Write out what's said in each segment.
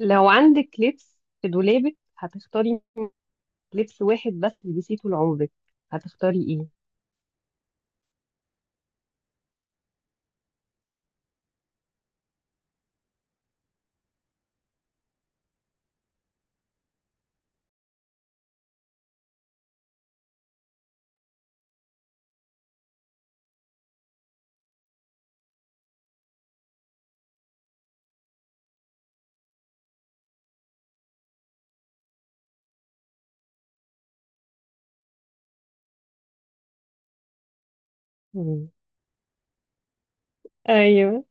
لو عندك لبس في دولابك هتختاري لبس واحد بس تلبسيه طول عمرك، هتختاري ايه؟ مم. ايوه.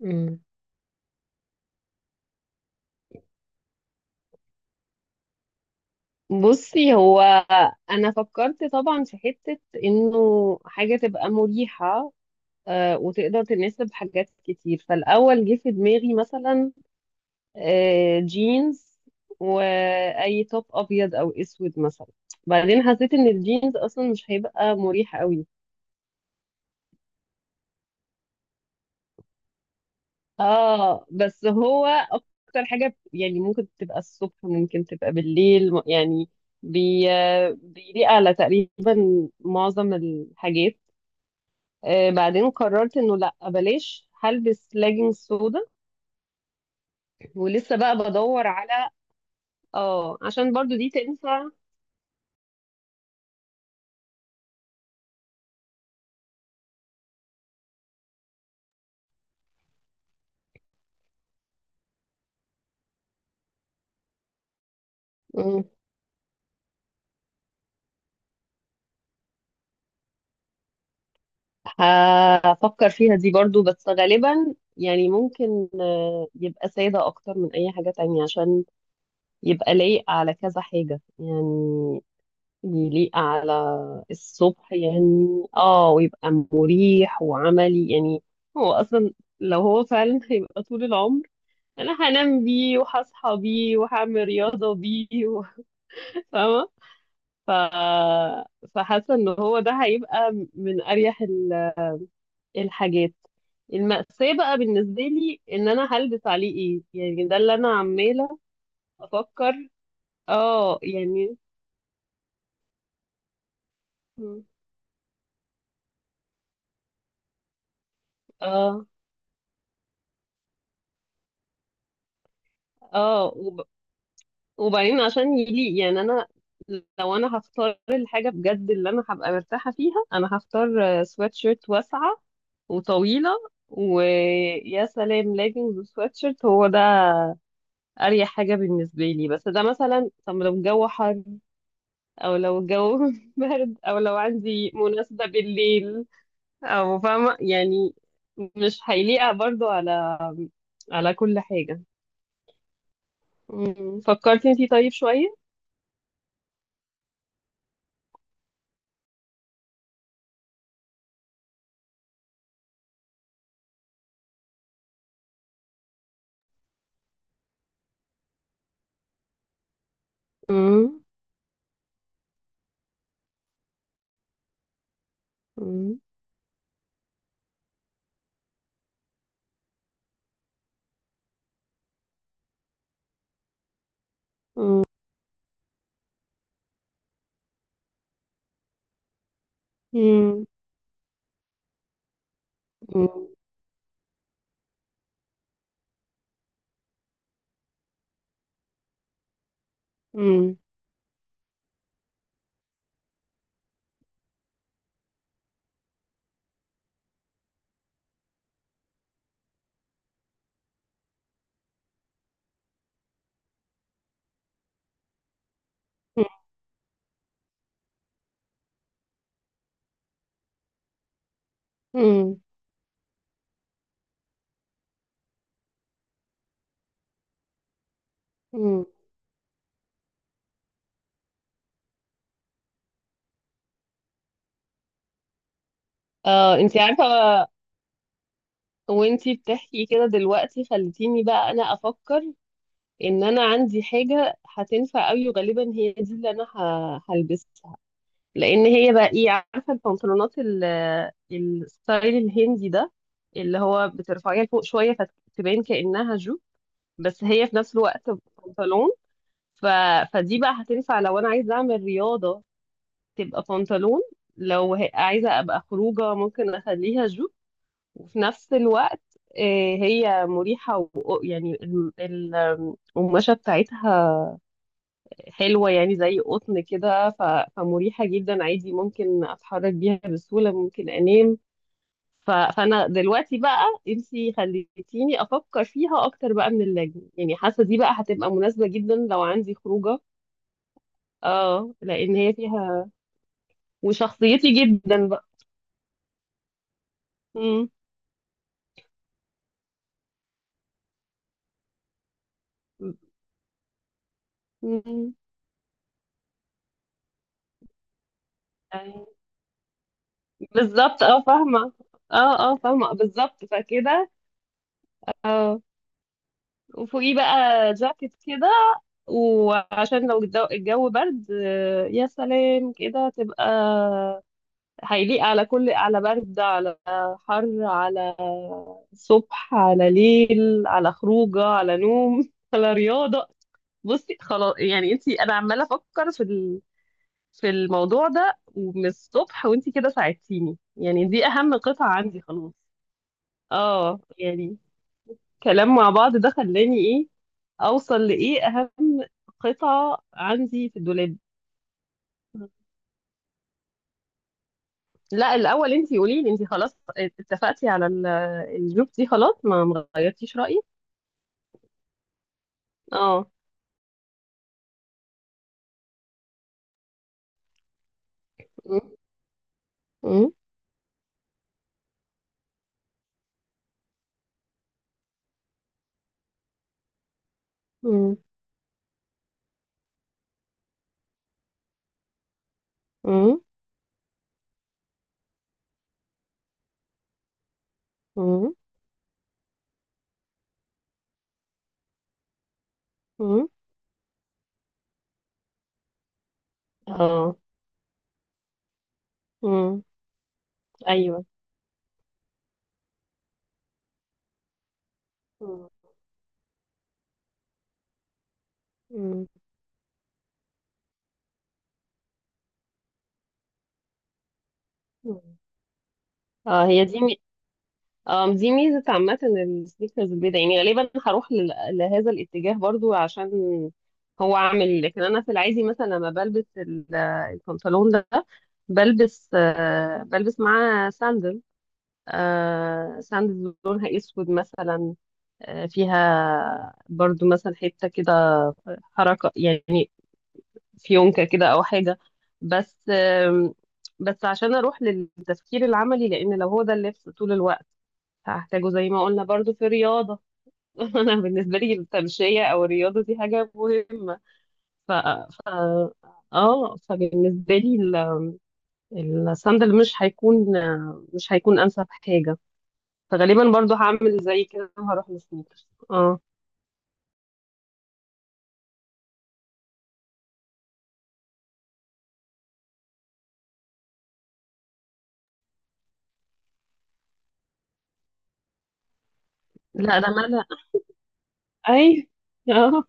مم. بصي، هو انا فكرت طبعا في حتة انه حاجة تبقى مريحة، وتقدر تناسب حاجات كتير. فالاول جه في دماغي مثلا جينز واي توب ابيض او اسود مثلا. بعدين حسيت ان الجينز اصلا مش هيبقى مريح قوي. اه، بس هو اكتر حاجه يعني ممكن تبقى الصبح، ممكن تبقى بالليل، يعني بي بيليق على تقريبا معظم الحاجات. آه، بعدين قررت انه لا، بلاش، هلبس لاجينج سودا، ولسه بقى بدور على. اه، عشان برضو دي تنفع. مم. هفكر فيها دي برضو، بس غالبا يعني ممكن يبقى سادة أكتر من أي حاجة تانية، عشان يبقى لايق على كذا حاجة يعني. يليق على الصبح يعني، اه، ويبقى مريح وعملي يعني. هو اصلا لو هو فعلا هيبقى طول العمر، انا هنام بيه وهصحى بيه وهعمل رياضة بيه فاهمة. ف... فحاسة ان هو ده هيبقى من اريح الحاجات. المأساة بقى بالنسبة لي ان انا هلبس عليه ايه، يعني ده اللي انا عمالة افكر. اه، يعني. اه. اه. وبعدين عشان يليق يعني انا، لو انا هختار الحاجه بجد اللي انا هبقى مرتاحه فيها، انا هختار سوات شيرت واسعه وطويله. ويا سلام، ليجنز وسوات شيرت، هو ده اريح حاجه بالنسبه لي. بس ده مثلا، طب لو الجو حر، او لو الجو برد، او لو عندي مناسبه بالليل، او فاهمه يعني، مش هيليق برضو على كل حاجه. مم. فكرتي انتي طيب شويه. مم. مم. مم. مم. امم. امم. امم. اه، انت عارفه، وانت بتحكي كده دلوقتي خلتيني بقى انا افكر ان انا عندي حاجه هتنفع قوي، وغالبا هي دي اللي انا هلبسها. لان هي بقى ايه، عارفه البنطلونات الستايل الهندي ده، اللي هو بترفعيها لفوق شويه فتبان كانها جو، بس هي في نفس الوقت بنطلون. ف... فدي بقى هتنفع لو انا عايزه اعمل رياضه، تبقى بنطلون. لو عايزة أبقى خروجة، ممكن أخليها جوب، وفي نفس الوقت هي مريحة يعني القماشة بتاعتها حلوة، يعني زي قطن كده. فمريحة جدا عادي، ممكن أتحرك بيها بسهولة، ممكن أنام. فأنا دلوقتي بقى، انتي خليتيني أفكر فيها أكتر بقى من اللجنة، يعني حاسة دي بقى هتبقى مناسبة جدا لو عندي خروجة. اه، لأن هي فيها وشخصيتي جدا بقى. مم. مم. أيوة. بالظبط، اه، فاهمة. اه، اه، فاهمة بالظبط، فكده. اه، وفوقيه بقى جاكيت كده، وعشان لو الجو برد، يا سلام كده تبقى. هيليق على كل، على برد، على حر، على صبح، على ليل، على خروجه، على نوم، على رياضة. بصي خلاص، يعني انتي، انا عمالة افكر في الموضوع ده ومن الصبح، وانتي كده ساعدتيني، يعني دي اهم قطعة عندي خلاص. اه، يعني كلام مع بعض ده خلاني ايه، اوصل لايه اهم قطعة عندي في الدولاب. لا، الاول انتي قولي لي، انتي خلاص اتفقتي على الجروب دي، خلاص ما غيرتيش رأيك؟ اه. م- م- م- م- م- م- اه. م- ايوه. م- م- م. اه، هي دي. دي ميزة عامة السنيكرز البيضاء، يعني غالبا هروح لهذا الاتجاه برضو، عشان هو عامل. لكن أنا في العادي مثلا لما بلبس البنطلون ده، بلبس معاه ساندل، ساندل لونها أسود مثلا، فيها برضو مثلا حتة كده حركة، يعني فيونكة كده أو حاجة. بس آم، بس عشان أروح للتفكير العملي، لأن لو هو ده اللبس طول الوقت، هحتاجه زي ما قلنا برضو في الرياضة. أنا بالنسبة لي التمشية أو الرياضة دي حاجة مهمة. ف... ف... اه، فبالنسبة لي الصندل مش هيكون أنسب حاجة. فغالبا برضو هعمل زي كده وهروح للسنيكرز، اه. لا، ده ملل. أي. اه.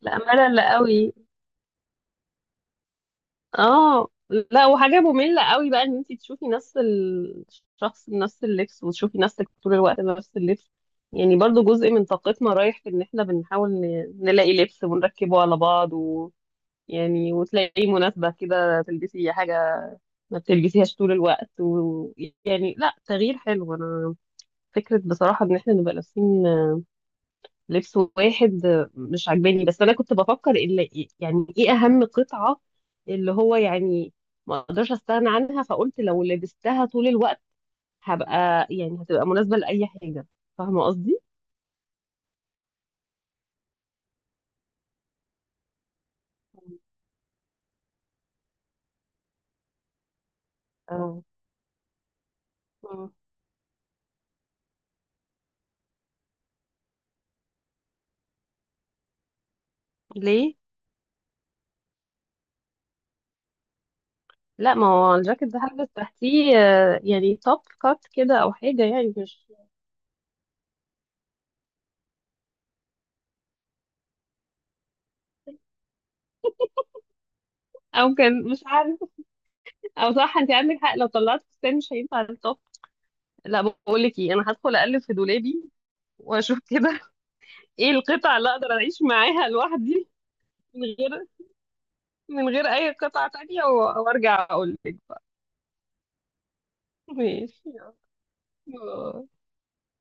لا، ملل قوي. اه. لا، وحاجة مملة قوي بقى، ان انت تشوفي نفس الشخص بنفس اللبس، وتشوفي نفسك طول الوقت بنفس اللبس. يعني برضو جزء من طاقتنا رايح في ان احنا بنحاول نلاقي لبس ونركبه على بعض، و، يعني وتلاقي مناسبة كده تلبسي حاجة ما بتلبسيهاش طول الوقت. ويعني لا، تغيير حلو. انا فكرة بصراحة ان احنا نبقى لابسين لبس واحد مش عجباني، بس انا كنت بفكر اللي يعني ايه اهم قطعة، اللي هو يعني ما اقدرش استغنى عنها، فقلت لو لبستها طول الوقت هبقى، يعني هتبقى مناسبة لأي حاجة. فاهمة قصدي؟ اه. مم. ليه؟ لا، ما هو الجاكيت ده هلبس تحتيه يعني توب كات كده او حاجة، يعني مش. او كان، مش عارفة، او صح، انت عندك حق، لو طلعت فستان مش هينفع التوب. لا، بقول لك ايه، انا هدخل اقلب في دولابي واشوف كده ايه القطعة اللي اقدر اعيش معاها لوحدي من غير، اي قطعة تانية، وارجع اقول لك بقى. ماشي. يلا.